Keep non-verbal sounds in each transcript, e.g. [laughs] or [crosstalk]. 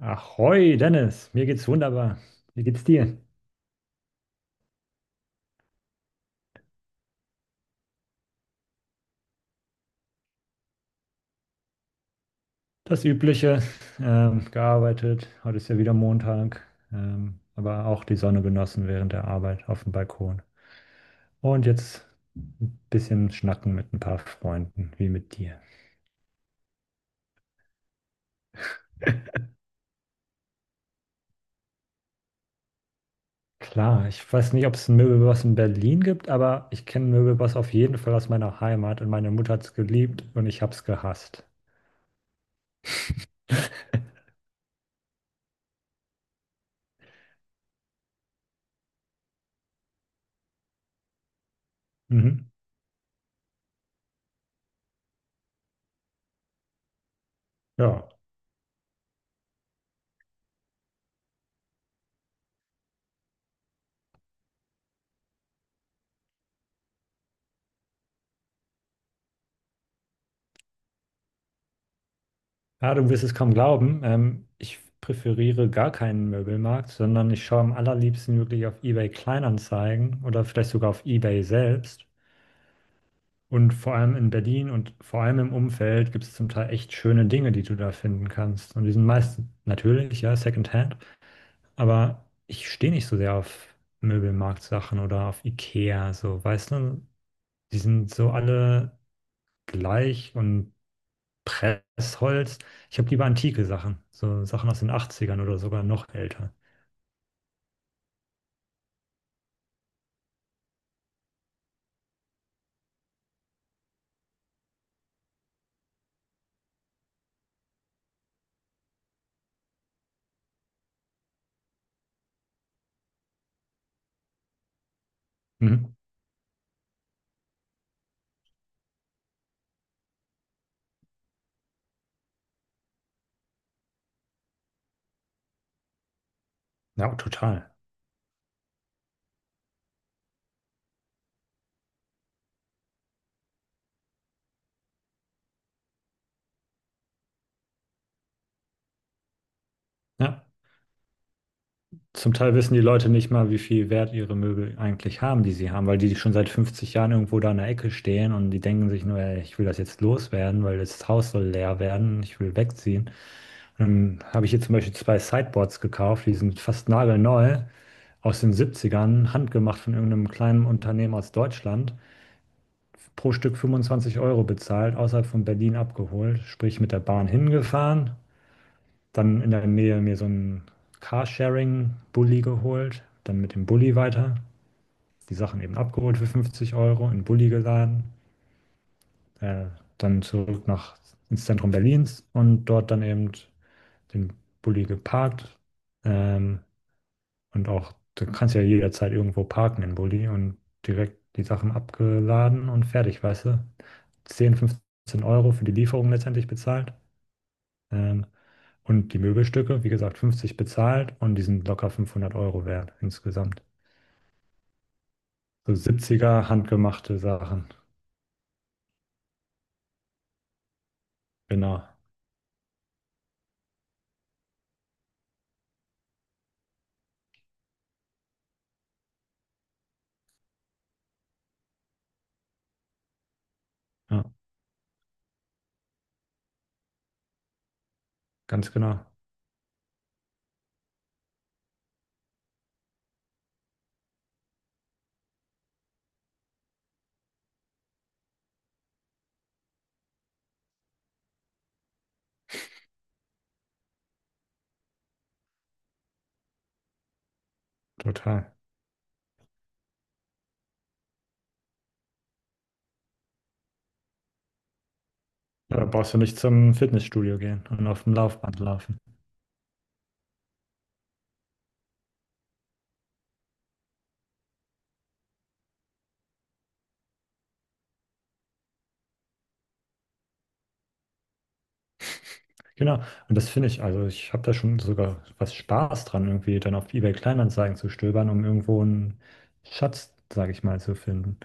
Ahoi, Dennis, mir geht's wunderbar. Wie geht's dir? Das Übliche, gearbeitet. Heute ist ja wieder Montag, aber auch die Sonne genossen während der Arbeit auf dem Balkon. Und jetzt ein bisschen schnacken mit ein paar Freunden, wie mit dir. Klar, ich weiß nicht, ob es einen Möbelboss in Berlin gibt, aber ich kenne einen Möbelboss auf jeden Fall aus meiner Heimat und meine Mutter hat's geliebt und ich hab's gehasst. Mhm. Ja, ja, du wirst es kaum glauben. Ich präferiere gar keinen Möbelmarkt, sondern ich schaue am allerliebsten wirklich auf eBay Kleinanzeigen oder vielleicht sogar auf eBay selbst. Und vor allem in Berlin und vor allem im Umfeld gibt es zum Teil echt schöne Dinge, die du da finden kannst. Und die sind meist natürlich, ja, Secondhand. Aber ich stehe nicht so sehr auf Möbelmarktsachen oder auf IKEA, so, weißt du? Die sind so alle gleich und Pressholz. Ich habe lieber antike Sachen, so Sachen aus den 80ern oder sogar noch älter. Mhm. Ja, total. Ja. Zum Teil wissen die Leute nicht mal, wie viel Wert ihre Möbel eigentlich haben, die sie haben, weil die schon seit 50 Jahren irgendwo da in der Ecke stehen, und die denken sich nur: ey, ich will das jetzt loswerden, weil das Haus soll leer werden, ich will wegziehen. Dann habe ich hier zum Beispiel zwei Sideboards gekauft, die sind fast nagelneu, aus den 70ern, handgemacht von irgendeinem kleinen Unternehmen aus Deutschland. Pro Stück 25 € bezahlt, außerhalb von Berlin abgeholt, sprich mit der Bahn hingefahren, dann in der Nähe mir so ein Carsharing-Bulli geholt, dann mit dem Bulli weiter, die Sachen eben abgeholt für 50 Euro, in den Bulli geladen, äh, dann zurück nach, ins Zentrum Berlins und dort dann eben den Bulli geparkt. ähm, Und auch, du kannst ja jederzeit irgendwo parken in Bulli und direkt die Sachen abgeladen und fertig, weißt du? 10, 15 € für die Lieferung letztendlich bezahlt. Ähm, und die Möbelstücke, wie gesagt, 50 bezahlt, und die sind locker 500 € wert insgesamt. So 70 handgemachte Sachen. Genau. Ja, ganz genau. Total. Ja, da brauchst du nicht zum Fitnessstudio gehen und auf dem Laufband laufen. Genau, und das finde ich, also ich habe da schon sogar was Spaß dran, irgendwie dann auf eBay Kleinanzeigen zu stöbern, um irgendwo einen Schatz, sage ich mal, zu finden.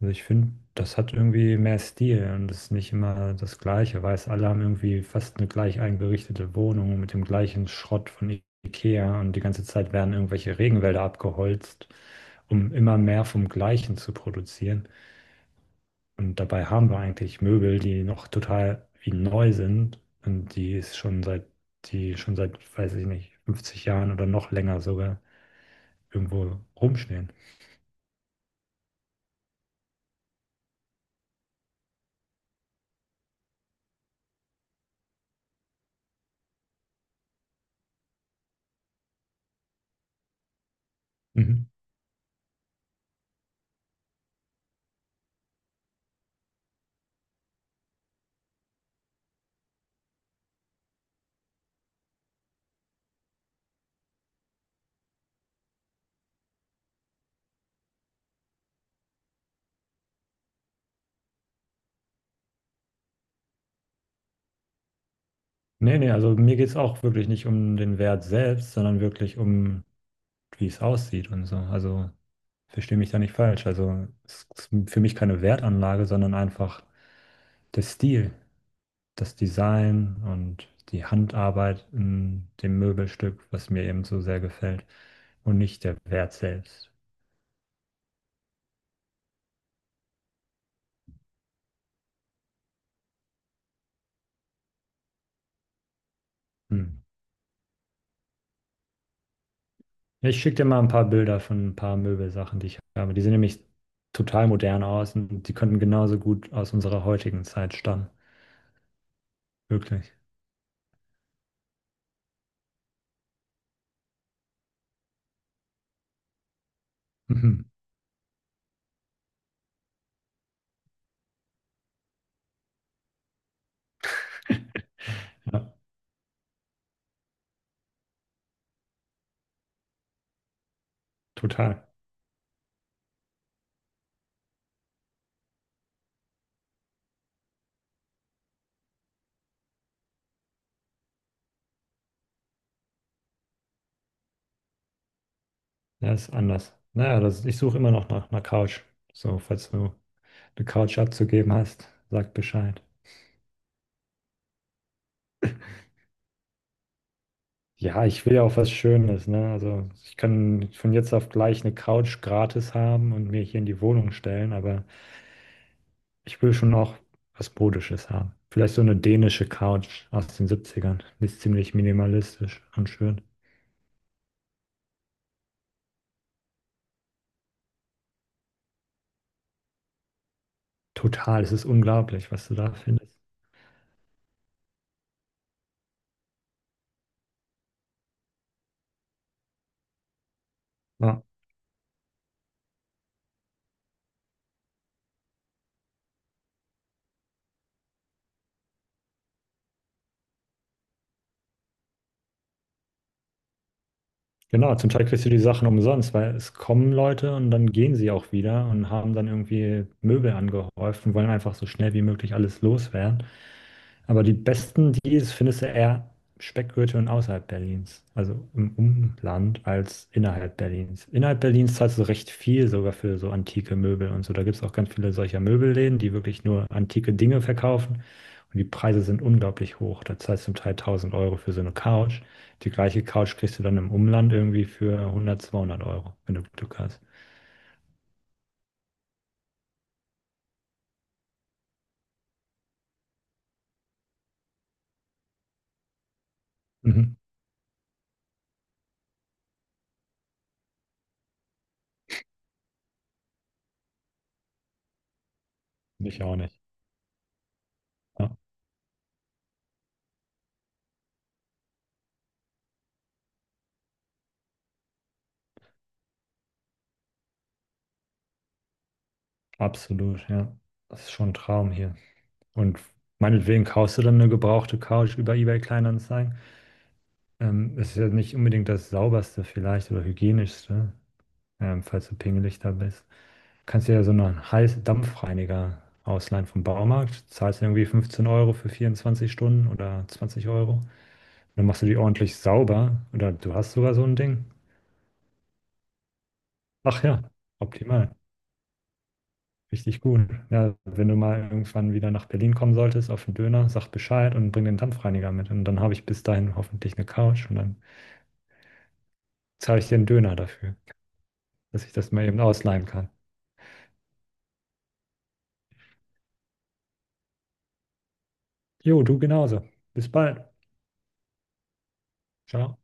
Also ich finde, das hat irgendwie mehr Stil und ist nicht immer das Gleiche, weil es alle haben irgendwie fast eine gleich eingerichtete Wohnung mit dem gleichen Schrott von IKEA, und die ganze Zeit werden irgendwelche Regenwälder abgeholzt, um immer mehr vom Gleichen zu produzieren. Und dabei haben wir eigentlich Möbel, die noch total wie neu sind und die schon seit, weiß ich nicht, 50 Jahren oder noch länger sogar irgendwo rumstehen. Mhm. Nee, nee, also mir geht es auch wirklich nicht um den Wert selbst, sondern wirklich um, wie es aussieht und so. Also verstehe mich da nicht falsch. Also es ist für mich keine Wertanlage, sondern einfach der Stil, das Design und die Handarbeit in dem Möbelstück, was mir eben so sehr gefällt, und nicht der Wert selbst. Hm. Ja, ich schicke dir mal ein paar Bilder von ein paar Möbelsachen, die ich habe. Die sehen nämlich total modern aus, und die könnten genauso gut aus unserer heutigen Zeit stammen. Wirklich. Mhm. [laughs] Ja, total. Ja, ist anders. Naja, ich suche immer noch nach einer Couch. So, falls du eine Couch abzugeben hast, sag Bescheid. Ja, ich will ja auch was Schönes, ne? Also ich kann von jetzt auf gleich eine Couch gratis haben und mir hier in die Wohnung stellen, aber ich will schon auch was Modisches haben. Vielleicht so eine dänische Couch aus den Siebzigern. Die ist ziemlich minimalistisch und schön. Total, es ist unglaublich, was du da findest. Ja. Genau, zum Teil kriegst du die Sachen umsonst, weil es kommen Leute und dann gehen sie auch wieder und haben dann irgendwie Möbel angehäuft und wollen einfach so schnell wie möglich alles loswerden. Aber die besten Deals findest du eher Speckgürtel und außerhalb Berlins, also im Umland als innerhalb Berlins. Innerhalb Berlins zahlst du recht viel sogar für so antike Möbel und so. Da gibt es auch ganz viele solcher Möbelläden, die wirklich nur antike Dinge verkaufen. Und die Preise sind unglaublich hoch. Da zahlst du zum Teil 1.000 € für so eine Couch. Die gleiche Couch kriegst du dann im Umland irgendwie für 100, 200 Euro, wenn du Glück hast. Mhm. Ich auch nicht. Ja, absolut, ja. Das ist schon ein Traum hier. Und meinetwegen kaufst du dann eine gebrauchte Couch über eBay Kleinanzeigen. Ist ja nicht unbedingt das sauberste vielleicht oder hygienischste, falls du pingelig da bist. Kannst dir ja so einen heißen Dampfreiniger ausleihen vom Baumarkt. Zahlst ja irgendwie 15 € für 24 Stunden oder 20 Euro. Dann machst du die ordentlich sauber, oder du hast sogar so ein Ding. Ach ja, optimal. Richtig gut. Ja, wenn du mal irgendwann wieder nach Berlin kommen solltest, auf den Döner, sag Bescheid und bring den Dampfreiniger mit. Und dann habe ich bis dahin hoffentlich eine Couch, und dann zahle ich dir einen Döner dafür, dass ich das mal eben ausleihen kann. Jo, du genauso. Bis bald. Ciao.